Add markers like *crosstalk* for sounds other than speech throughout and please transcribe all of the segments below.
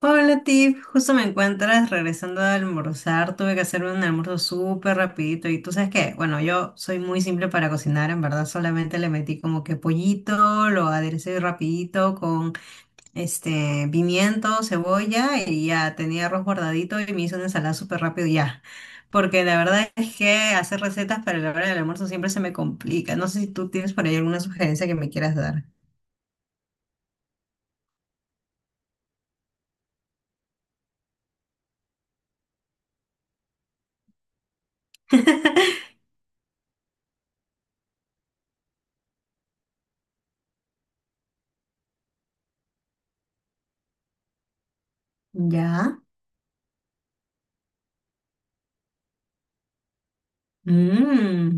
Hola Tiff, justo me encuentras regresando a almorzar, tuve que hacerme un almuerzo súper rapidito y tú sabes que, bueno, yo soy muy simple para cocinar, en verdad solamente le metí como que pollito, lo aderecé rapidito con este pimiento, cebolla y ya tenía arroz guardadito y me hice una ensalada súper rápido y ya, porque la verdad es que hacer recetas para la hora del almuerzo siempre se me complica, no sé si tú tienes por ahí alguna sugerencia que me quieras dar. *laughs* ¿Ya? Mmm.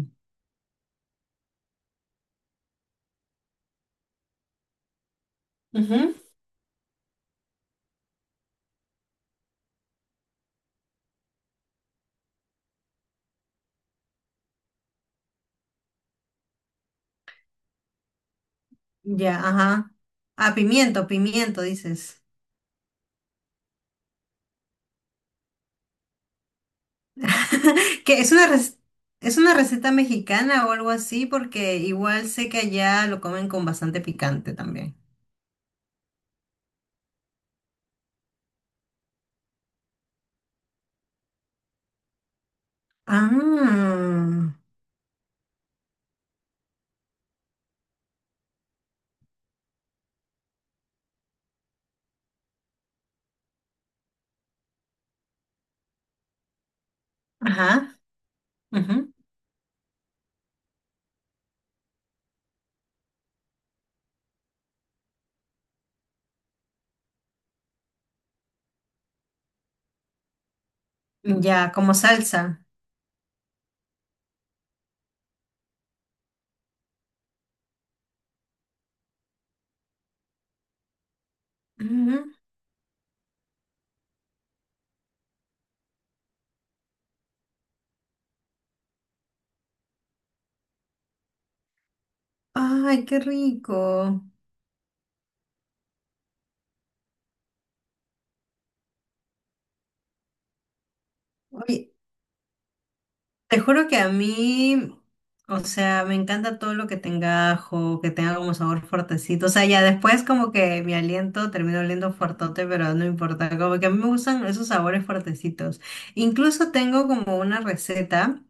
Ya, ajá. Ah, pimiento, pimiento, dices. *laughs* Que es una rec- Es una receta mexicana o algo así, porque igual sé que allá lo comen con bastante picante también. Ah, ajá. Ujú. Ya, como salsa. Ujú. Ay, qué rico. Oye, te juro que a mí, o sea, me encanta todo lo que tenga ajo, que tenga como sabor fuertecito. O sea, ya después como que mi aliento termina oliendo fuertote, pero no importa. Como que a mí me gustan esos sabores fuertecitos. Incluso tengo como una receta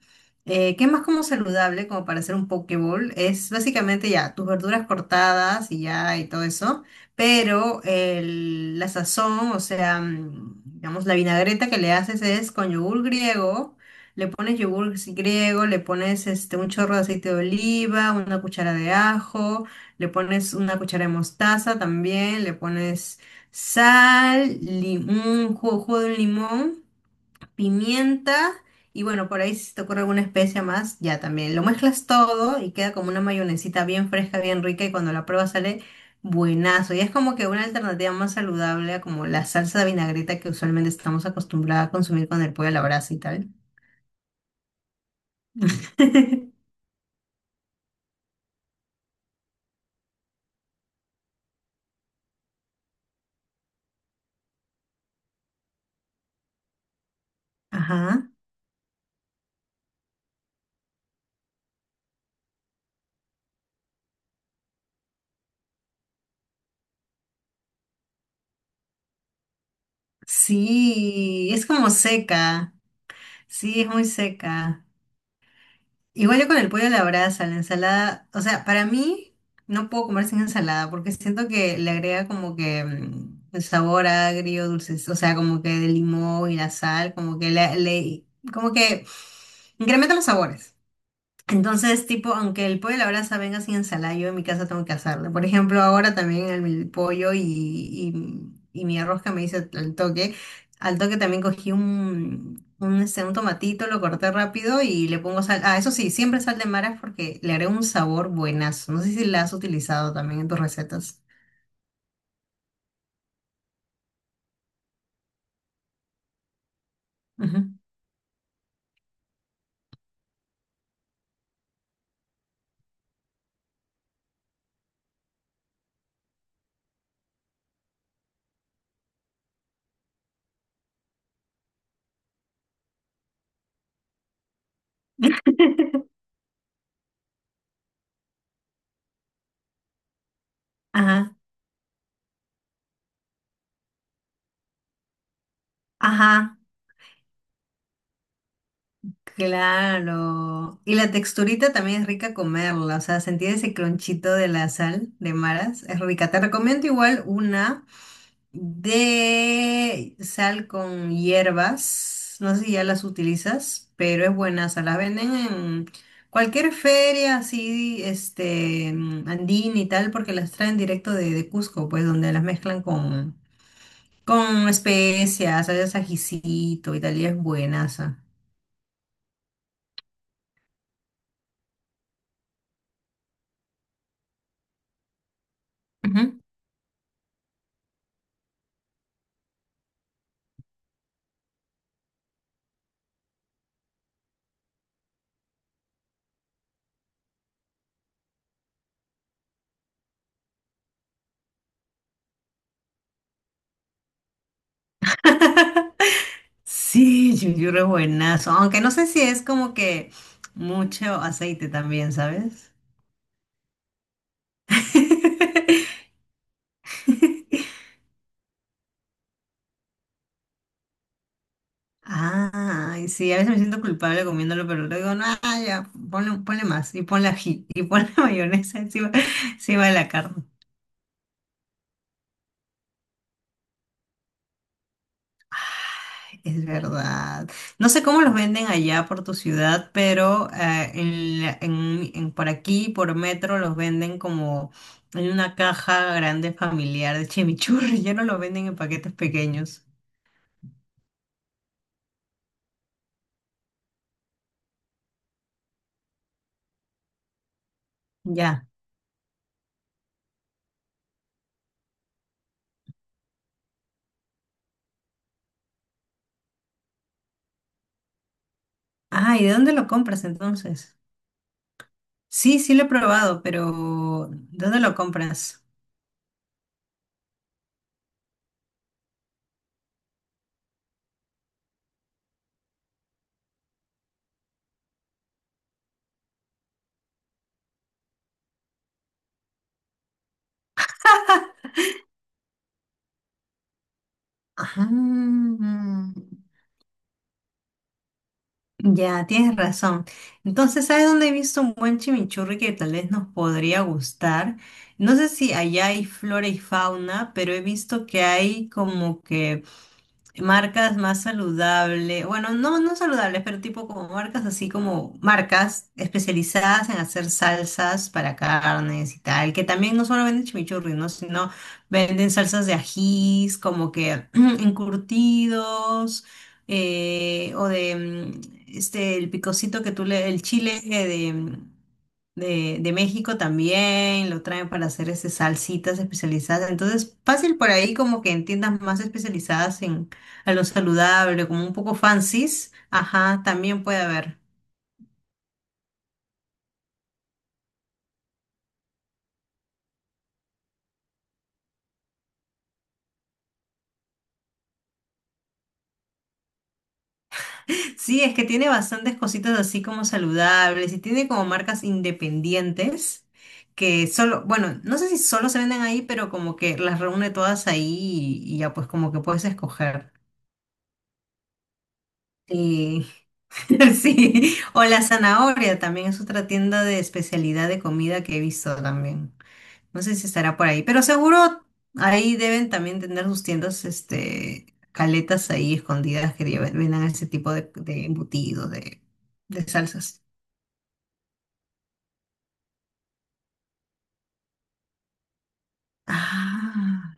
que es más como saludable, como para hacer un poke bowl. Es básicamente ya tus verduras cortadas y ya y todo eso, pero la sazón, o sea, mm, digamos, la vinagreta que le haces es con yogur griego, le pones yogur griego, le pones este, un chorro de aceite de oliva, una cuchara de ajo, le pones una cuchara de mostaza también, le pones sal, un jugo, jugo de un limón, pimienta y bueno, por ahí si te ocurre alguna especia más, ya también. Lo mezclas todo y queda como una mayonesita bien fresca, bien rica y cuando la pruebas sale buenazo. Y es como que una alternativa más saludable a como la salsa de vinagreta que usualmente estamos acostumbrados a consumir con el pollo a la brasa y tal. *laughs* Ajá. Sí, es como seca. Sí, es muy seca. Igual yo con el pollo a la brasa, la ensalada, o sea, para mí no puedo comer sin ensalada porque siento que le agrega como que mm, el sabor agrio, dulce, o sea, como que de limón y la sal, como que como que incrementa los sabores. Entonces, tipo, aunque el pollo a la brasa venga sin ensalada, yo en mi casa tengo que hacerlo. Por ejemplo, ahora también el, mi pollo y mi arroz que me hice al toque. Al toque también cogí este, un tomatito, lo corté rápido y le pongo sal. Ah, eso sí, siempre sal de maras porque le haré un sabor buenazo. No sé si la has utilizado también en tus recetas. Ujú. Ajá, ajá. Claro. Y la texturita también es rica comerla, o sea, sentir ese cronchito de la sal de maras es rica. Te recomiendo igual una de sal con hierbas, no sé si ya las utilizas, pero es buena, o sea, las venden en cualquier feria así, este, mm, andina y tal, porque las traen directo de Cusco, pues, donde las mezclan con especias, ¿sabes? Ajicito y tal, y es buenaza. Ujú. *laughs* Sí, Yuyuru es buenazo, aunque no sé si es como que mucho aceite también, ¿sabes? *laughs* Ay, sí, a veces me siento culpable comiéndolo, pero luego digo, no, ah, ya, ponle, ponle más, y ponle ají, y ponle *laughs* mayonesa encima, encima de la carne. Es verdad. No sé cómo los venden allá por tu ciudad, pero en, la- en- por aquí, por metro, los venden como en una caja grande familiar de chimichurri. *laughs* Ya no los venden en paquetes pequeños. Ya. Ah, ¿y de dónde lo compras entonces? Sí, sí lo he probado, pero ¿de dónde lo compras? Ajá. Ya, tienes razón. Entonces, ¿sabes dónde he visto un buen chimichurri que tal vez nos podría gustar? No sé si allá hay flora y fauna, pero he visto que hay como que marcas más saludables, bueno, no, no saludables, pero tipo como marcas así como marcas especializadas en hacer salsas para carnes y tal, que también no solo venden chimichurri, ¿no?, sino venden salsas de ajís, como que *clears throat* encurtidos, o de mm, este, el picocito que tú le, el chile de México también, lo traen para hacer este, salsitas especializadas. Entonces, fácil por ahí como que en tiendas más especializadas en, a lo saludable, como un poco fancies, ajá, también puede haber. Sí, es que tiene bastantes cositas así como saludables y tiene como marcas independientes que solo, bueno, no sé si solo se venden ahí, pero como que las reúne todas ahí y ya pues como que puedes escoger. Sí. *laughs* Sí, o la zanahoria también es otra tienda de especialidad de comida que he visto también. No sé si estará por ahí, pero seguro ahí deben también tener sus tiendas, este, caletas ahí escondidas que vendan ese tipo de embutido, de salsas. Ah,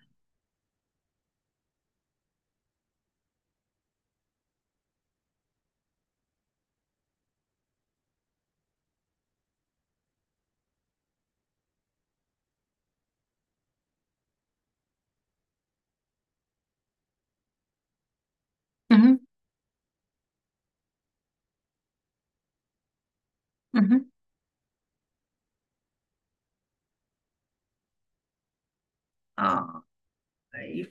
ujú, ujú. Ay,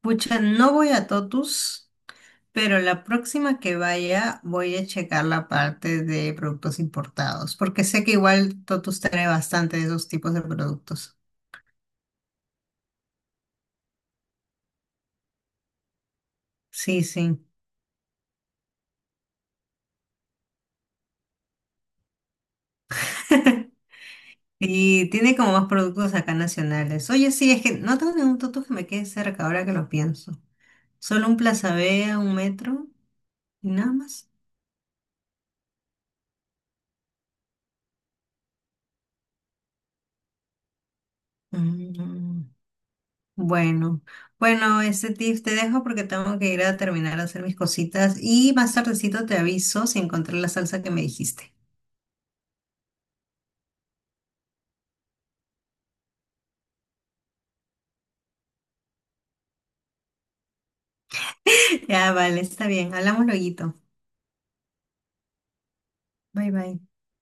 pucha, no voy a Totus, pero la próxima que vaya voy a checar la parte de productos importados, porque sé que igual Totus trae bastante de esos tipos de productos. Sí, sí. *laughs* Y tiene como más productos acá nacionales. Oye, sí, es que no tengo ningún Totus que me quede cerca ahora que lo pienso. Solo un Plaza Vea, un metro y nada más. Mm. Bueno, bueno, este tip te dejo porque tengo que ir a terminar a hacer mis cositas y más tardecito te aviso si encontré la salsa que me dijiste. *laughs* Ya, vale, está bien. Hablamos lueguito. Bye, bye.